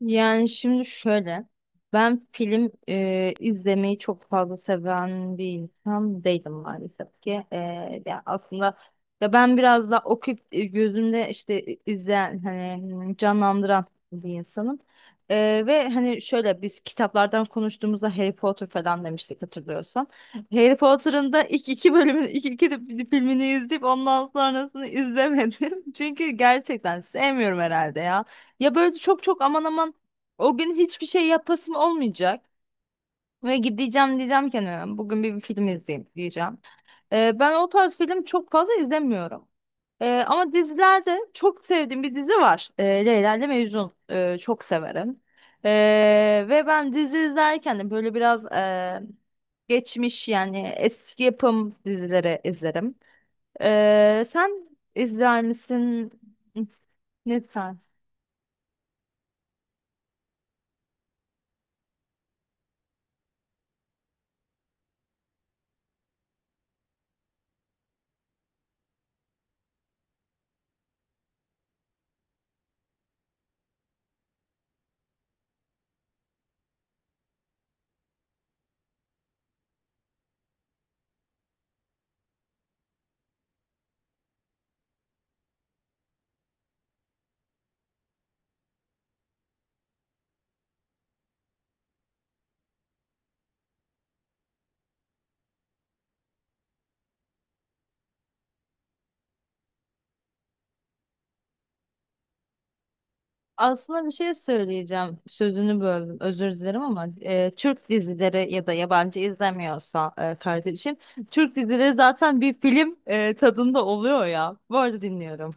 Yani şimdi şöyle, ben film izlemeyi çok fazla seven bir insan değilim maalesef ki. Ya aslında ya ben biraz da okuyup gözümde işte izleyen hani canlandıran bir insanım. Ve hani şöyle biz kitaplardan konuştuğumuzda Harry Potter falan demiştik hatırlıyorsan. Harry Potter'ın da ilk iki bölümünü, ilk iki filmini izleyip ondan sonrasını izlemedim. Çünkü gerçekten sevmiyorum herhalde ya. Ya böyle çok çok aman aman o gün hiçbir şey yapasım olmayacak. Ve gideceğim diyeceğim ki "Hani bugün bir film izleyeyim diyeceğim." Ben o tarz film çok fazla izlemiyorum. Ama dizilerde çok sevdiğim bir dizi var. Leyla ile Mecnun. Çok severim. Ve ben dizi izlerken de böyle biraz geçmiş, yani eski yapım dizileri izlerim. Sen izler misin? Ne tarz? Aslında bir şey söyleyeceğim. Sözünü böldüm, özür dilerim ama Türk dizileri ya da yabancı izlemiyorsa kardeşim, Türk dizileri zaten bir film tadında oluyor ya. Bu arada dinliyorum.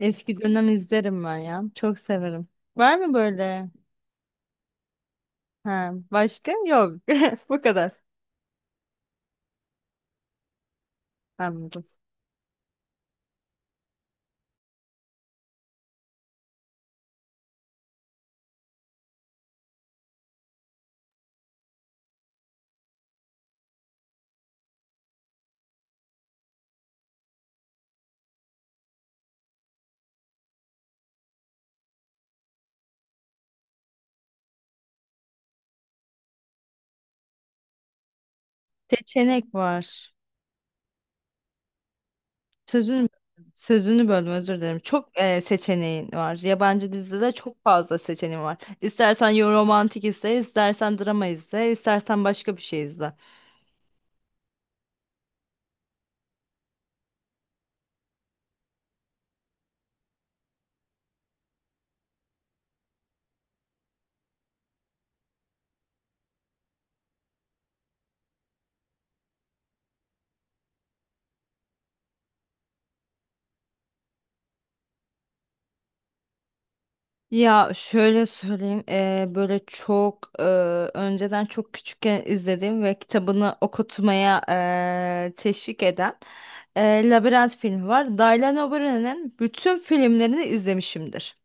Eski dönem izlerim ben ya. Çok severim. Var mı böyle? Ha, başka? Yok. Bu kadar. Anladım. Seçenek var. Sözünü sözünü böldüm, özür dilerim. Çok seçeneğin var. Yabancı dizide de çok fazla seçeneğin var. İstersen romantik izle, istersen drama izle, istersen başka bir şey izle. Ya şöyle söyleyeyim, böyle çok önceden çok küçükken izlediğim ve kitabını okutmaya teşvik eden Labirent filmi var. Dylan O'Brien'in bütün filmlerini izlemişimdir.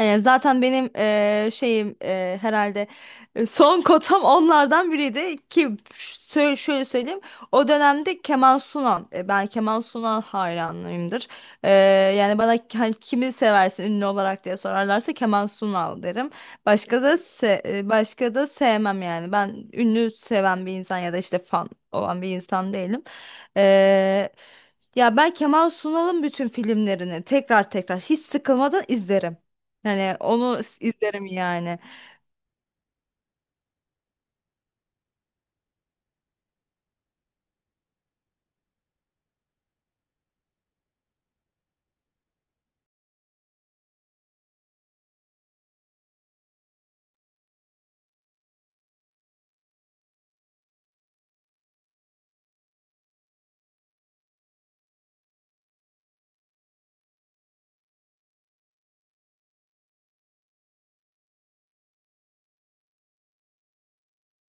Yani zaten benim şeyim herhalde son kotam onlardan biriydi ki şöyle söyleyeyim, o dönemde Kemal Sunan, ben Kemal Sunan hayranıyımdır. Eee, Yani bana hani kimi seversin ünlü olarak diye sorarlarsa Kemal Sunal derim. Başka da sevmem, yani ben ünlü seven bir insan ya da işte fan olan bir insan değilim. Eee, Ya ben Kemal Sunal'ın bütün filmlerini tekrar tekrar hiç sıkılmadan izlerim. Hani onu izlerim yani.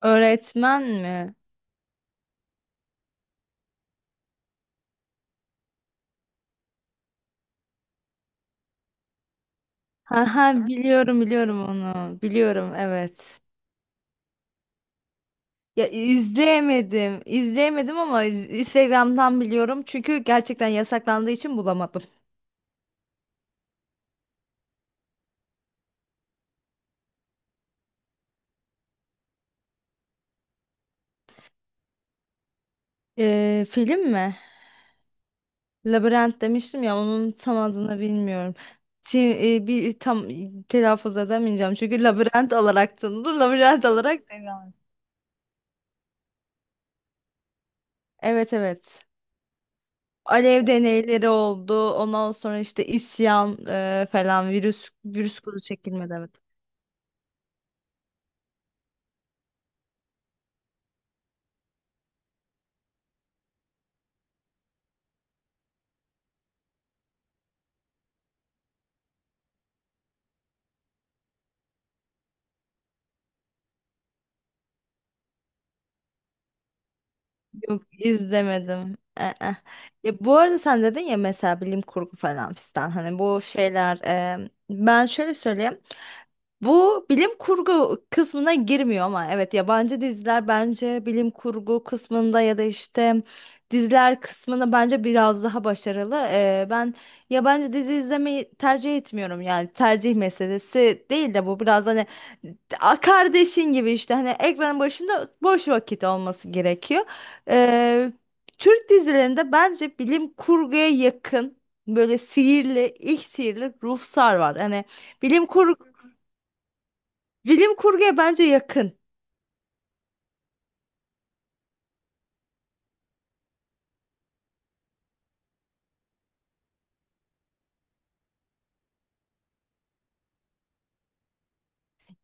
Öğretmen mi? Ha ha, biliyorum, biliyorum onu. Biliyorum, evet. Ya izleyemedim. İzleyemedim ama Instagram'dan biliyorum. Çünkü gerçekten yasaklandığı için bulamadım. Film mi? Labirent demiştim ya, onun tam adını bilmiyorum. Bir tam telaffuz edemeyeceğim. Çünkü Labirent olarak tanınır. Labirent olarak devam. Evet, evet. Alev deneyleri oldu. Ondan sonra işte isyan falan, virüs virüs kuru çekilmedi, evet. Yok, izlemedim. Ya, bu arada sen dedin ya, mesela bilim kurgu falan fistan, hani bu şeyler, ben şöyle söyleyeyim. Bu bilim kurgu kısmına girmiyor ama evet, yabancı diziler bence bilim kurgu kısmında ya da işte diziler kısmında bence biraz daha başarılı. Ben yabancı dizi izlemeyi tercih etmiyorum, yani tercih meselesi değil de bu biraz hani kardeşin gibi, işte hani ekranın başında boş vakit olması gerekiyor. Ee, Türk dizilerinde bence bilim kurguya yakın böyle sihirli, ilk sihirli ruhsar var. Hani bilim kurgu Bilim kurguya bence yakın.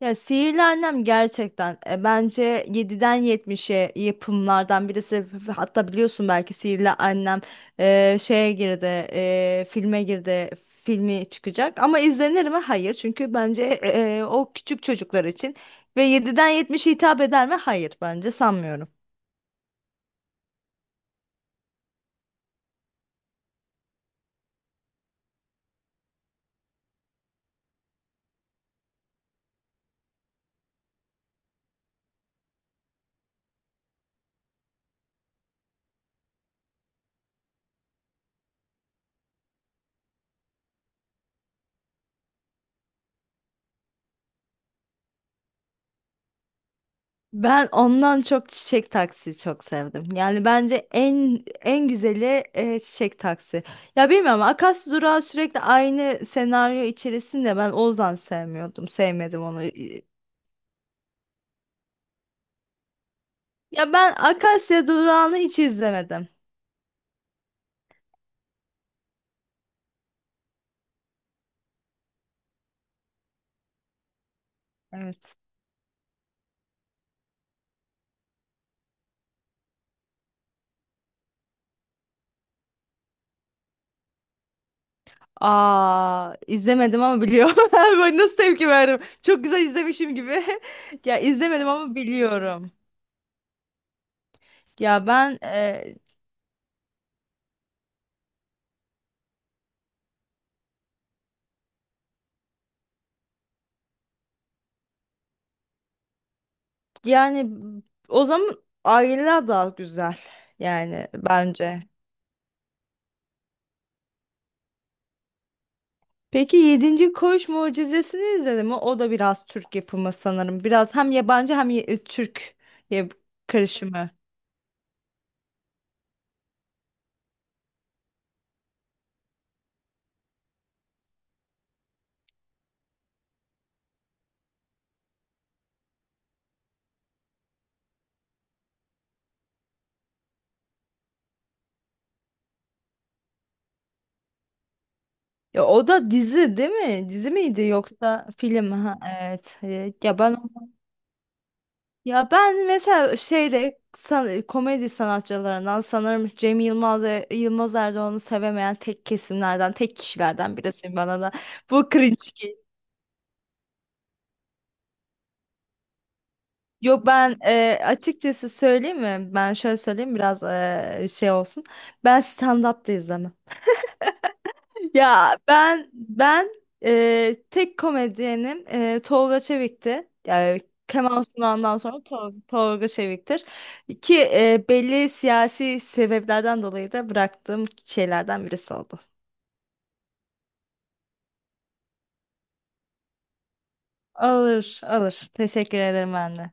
Ya, Sihirli Annem gerçekten bence yediden yetmişe yapımlardan birisi. Hatta biliyorsun, belki Sihirli Annem şeye girdi, filme girdi, filmi çıkacak. Ama izlenir mi? Hayır. Çünkü bence o küçük çocuklar için. Ve yediden yetmişe hitap eder mi? Hayır, bence sanmıyorum. Ben ondan çok çiçek taksi çok sevdim. Yani bence en en güzeli çiçek taksi. Ya bilmiyorum, Akasya Durağı sürekli aynı senaryo içerisinde, ben Ozan sevmiyordum. Sevmedim onu. Ya ben Akasya Durağı'nı hiç izlemedim. Evet. Aa, izlemedim ama biliyorum. Böyle nasıl tepki verdim? Çok güzel izlemişim gibi. Ya izlemedim ama biliyorum. Ya ben e, Yani o zaman aileler daha güzel, yani bence. Peki Yedinci Koğuş Mucizesi'ni izledin mi? O da biraz Türk yapımı sanırım. Biraz hem yabancı hem Türk ya- karışımı. Ya o da dizi değil mi? Dizi miydi yoksa film? Ha, evet. Ya ben mesela şeyde komedi sanatçılarından sanırım Cem Yılmaz ve Yılmaz Erdoğan'ı sevemeyen tek kesimlerden, tek kişilerden birisiyim bana da. Bu cringe. Yok, ben açıkçası söyleyeyim mi? Ben şöyle söyleyeyim, biraz şey olsun. Ben stand-up da izlemem. Ya ben tek komedyenim Tolga Çevik'ti. Yani Kemal Sunal'dan sonra Tolga Çevik'tir. Ki belli siyasi sebeplerden dolayı da bıraktığım şeylerden birisi oldu. Alır, alır. Teşekkür ederim anne.